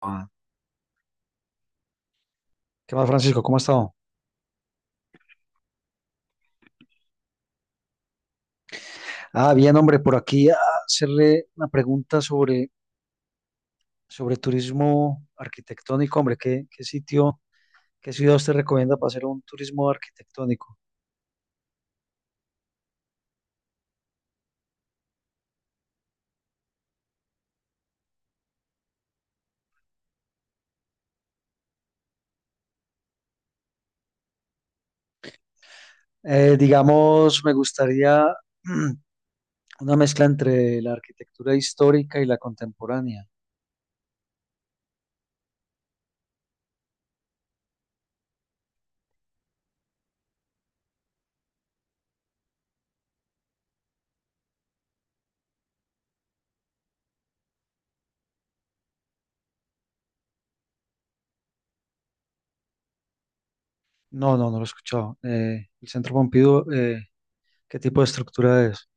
Ah, ¿qué más, Francisco? ¿Cómo ha estado? Ah, bien, hombre, por aquí a hacerle una pregunta sobre turismo arquitectónico, hombre, ¿qué ciudad usted recomienda para hacer un turismo arquitectónico? Digamos, me gustaría mm, una mezcla entre la arquitectura histórica y la contemporánea. No, no, no lo he escuchado. El Centro Pompidou, ¿qué tipo de estructura es?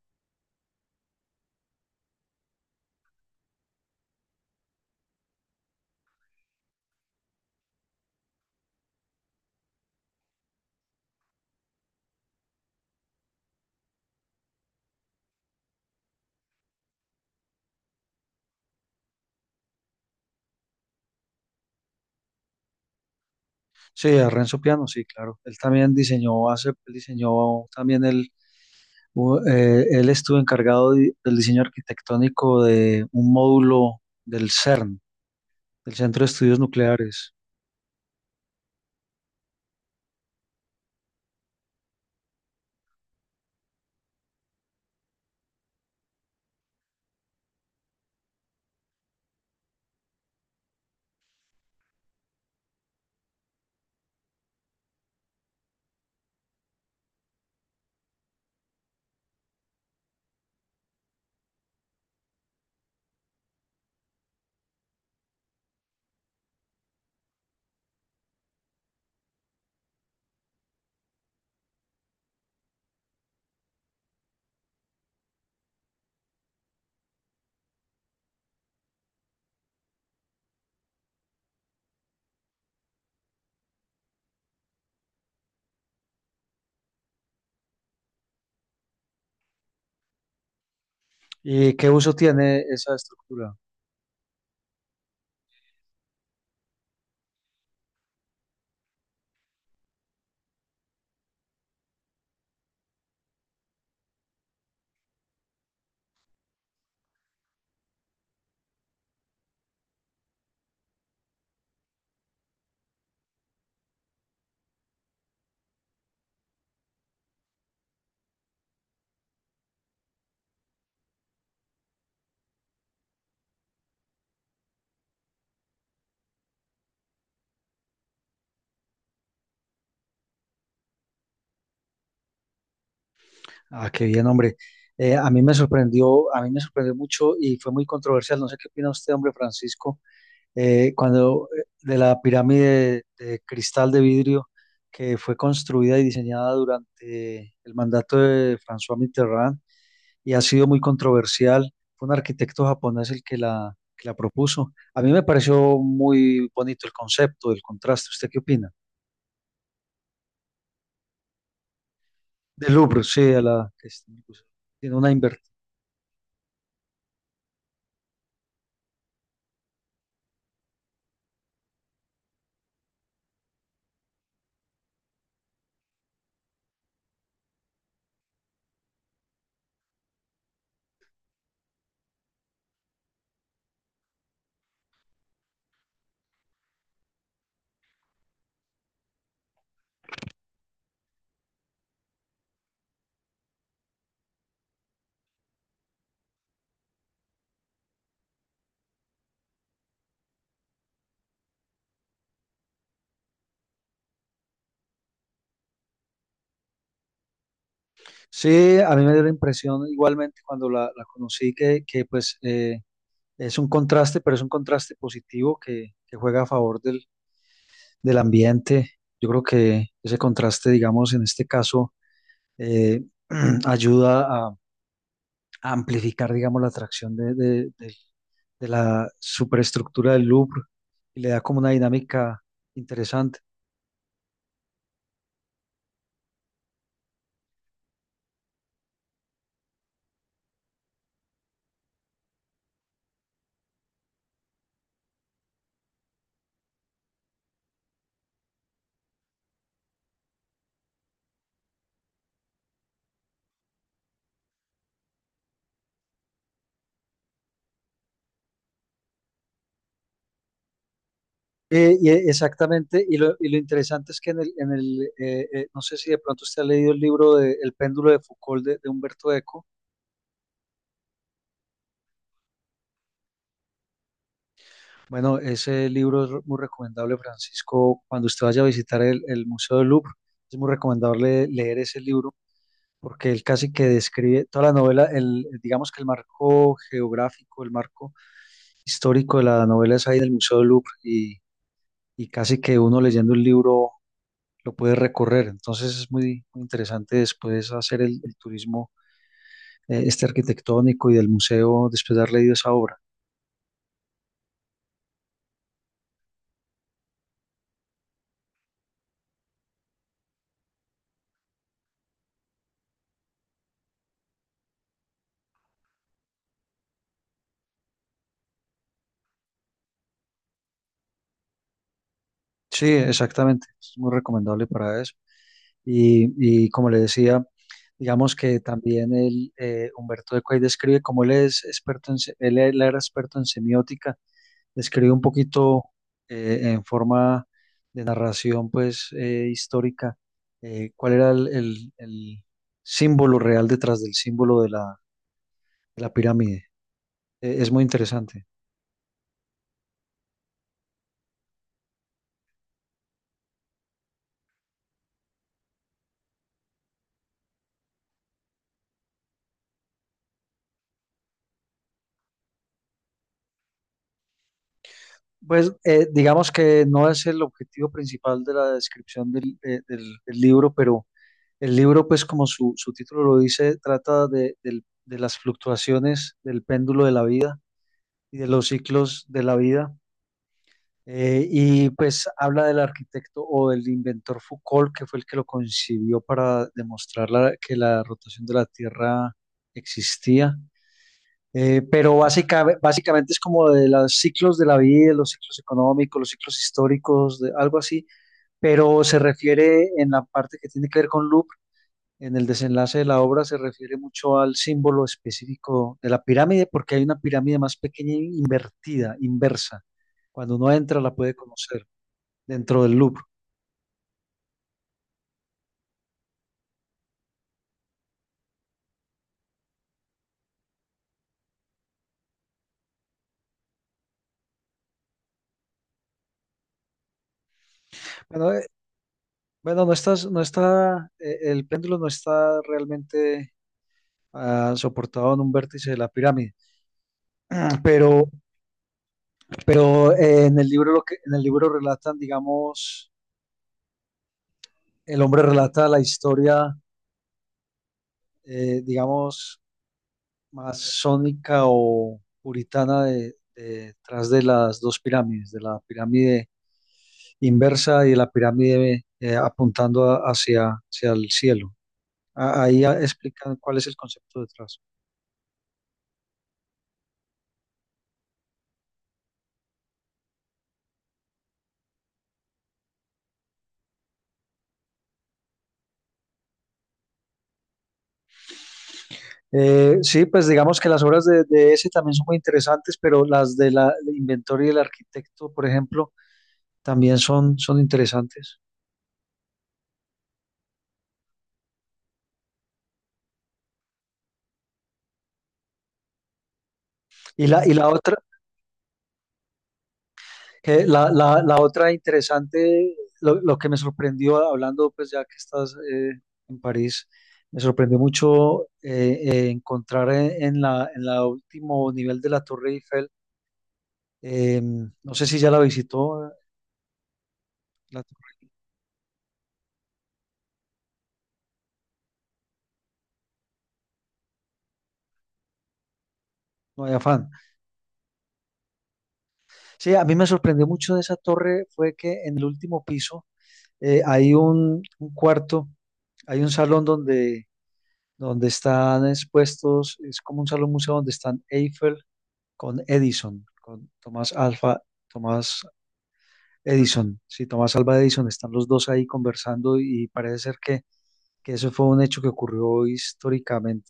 Sí, a Renzo Piano, sí, claro. Él también diseñó, hace, él diseñó también él estuvo encargado del diseño arquitectónico de un módulo del CERN, del Centro de Estudios Nucleares. ¿Y qué uso tiene esa estructura? Ah, qué bien, hombre. A mí me sorprendió, a mí me sorprendió mucho y fue muy controversial. No sé qué opina usted, hombre Francisco, cuando de la pirámide de cristal de vidrio que fue construida y diseñada durante el mandato de François Mitterrand, y ha sido muy controversial. Fue un arquitecto japonés el que la propuso. A mí me pareció muy bonito el concepto, el contraste. ¿Usted qué opina? Del Louvre, sí, a la que es, pues, tiene una inversión. Sí, a mí me dio la impresión igualmente cuando la conocí que, que pues, es un contraste, pero es un contraste positivo que juega a favor del ambiente. Yo creo que ese contraste, digamos, en este caso, eh, ayuda a amplificar, digamos, la atracción de- del de la superestructura del Louvre, y le da como una dinámica interesante. Exactamente, y lo interesante es que en el, no sé si de pronto usted ha leído el libro de El péndulo de Foucault de Humberto Eco. Bueno, ese libro es muy recomendable, Francisco, cuando usted vaya a visitar el Museo del Louvre, es muy recomendable leer ese libro porque él casi que describe toda la novela, el, digamos que el marco geográfico, el marco histórico de la novela es ahí en el Museo del Louvre, y casi que uno leyendo el libro lo puede recorrer. Entonces es muy, muy interesante después hacer el turismo este arquitectónico y del museo después de haber leído esa obra. Sí, exactamente, es muy recomendable para eso. Y, y como le decía, digamos que también Humberto Eco ahí describe cómo él es experto en, él era experto en semiótica, describe un poquito en forma de narración pues histórica, cuál era el símbolo real detrás del símbolo de de la pirámide. Es muy interesante. Pues digamos que no es el objetivo principal de la descripción del libro, pero el libro pues como su título lo dice, trata de, de las fluctuaciones del péndulo de la vida y de los ciclos de la vida. Y pues habla del arquitecto o del inventor Foucault, que fue el que lo concibió para demostrar que la rotación de la Tierra existía. Pero básicamente es como de los ciclos de la vida, los ciclos económicos, los ciclos históricos, de, algo así, pero se refiere en la parte que tiene que ver con Louvre, en el desenlace de la obra, se refiere mucho al símbolo específico de la pirámide, porque hay una pirámide más pequeña invertida, inversa. Cuando uno entra la puede conocer dentro del loop. Bueno, bueno, no está, el péndulo no está realmente soportado en un vértice de la pirámide, pero, pero en el libro lo que, en el libro relatan, digamos, el hombre relata la historia, digamos, masónica o puritana de, detrás de las dos pirámides, de la pirámide inversa y de la pirámide hacia, hacia el cielo. Ahí explican cuál es el concepto detrás. Sí, pues digamos que las obras de ese también son muy interesantes, pero las de del inventor y del arquitecto, por ejemplo, también son, son interesantes. Y la otra, la otra interesante, lo que me sorprendió hablando, pues ya que estás en París, me sorprendió mucho encontrar en la último nivel de la Torre Eiffel, no sé si ya la visitó, la, no hay afán. Sí, a mí me sorprendió mucho de esa torre fue que en el último piso, hay un cuarto, hay un salón donde, donde están expuestos, es como un salón museo donde están Eiffel con Edison, con Tomás Alfa, Tomás Edison, sí, Tomás Alva Edison, están los dos ahí conversando y parece ser que eso fue un hecho que ocurrió históricamente.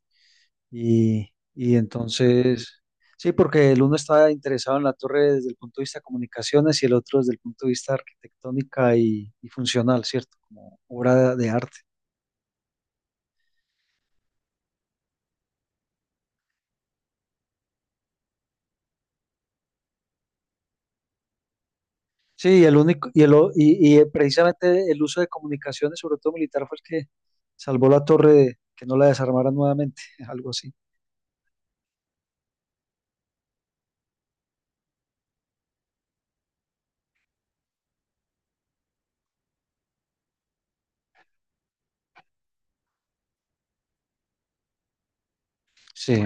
Y entonces, sí, porque el uno está interesado en la torre desde el punto de vista de comunicaciones y el otro desde el punto de vista arquitectónica y funcional, ¿cierto? Como obra de arte. Sí, y el único, y precisamente el uso de comunicaciones, sobre todo militar, fue el que salvó la torre de que no la desarmaran nuevamente, algo así. Sí,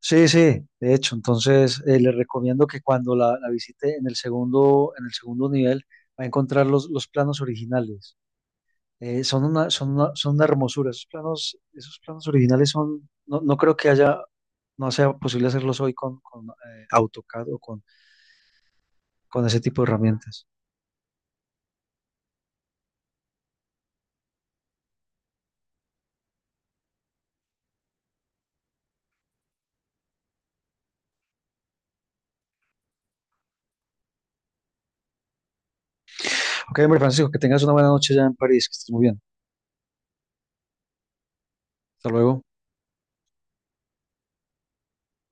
sí, sí, de hecho, entonces le recomiendo que cuando la visite en el segundo nivel va a encontrar los planos originales. Son una, son una, son una hermosura. Esos planos originales son, no, no creo que haya, no sea posible hacerlos hoy con AutoCAD o con ese tipo de herramientas. Ok, hombre Francisco, que tengas una buena noche ya en París, que estés muy bien. Hasta luego.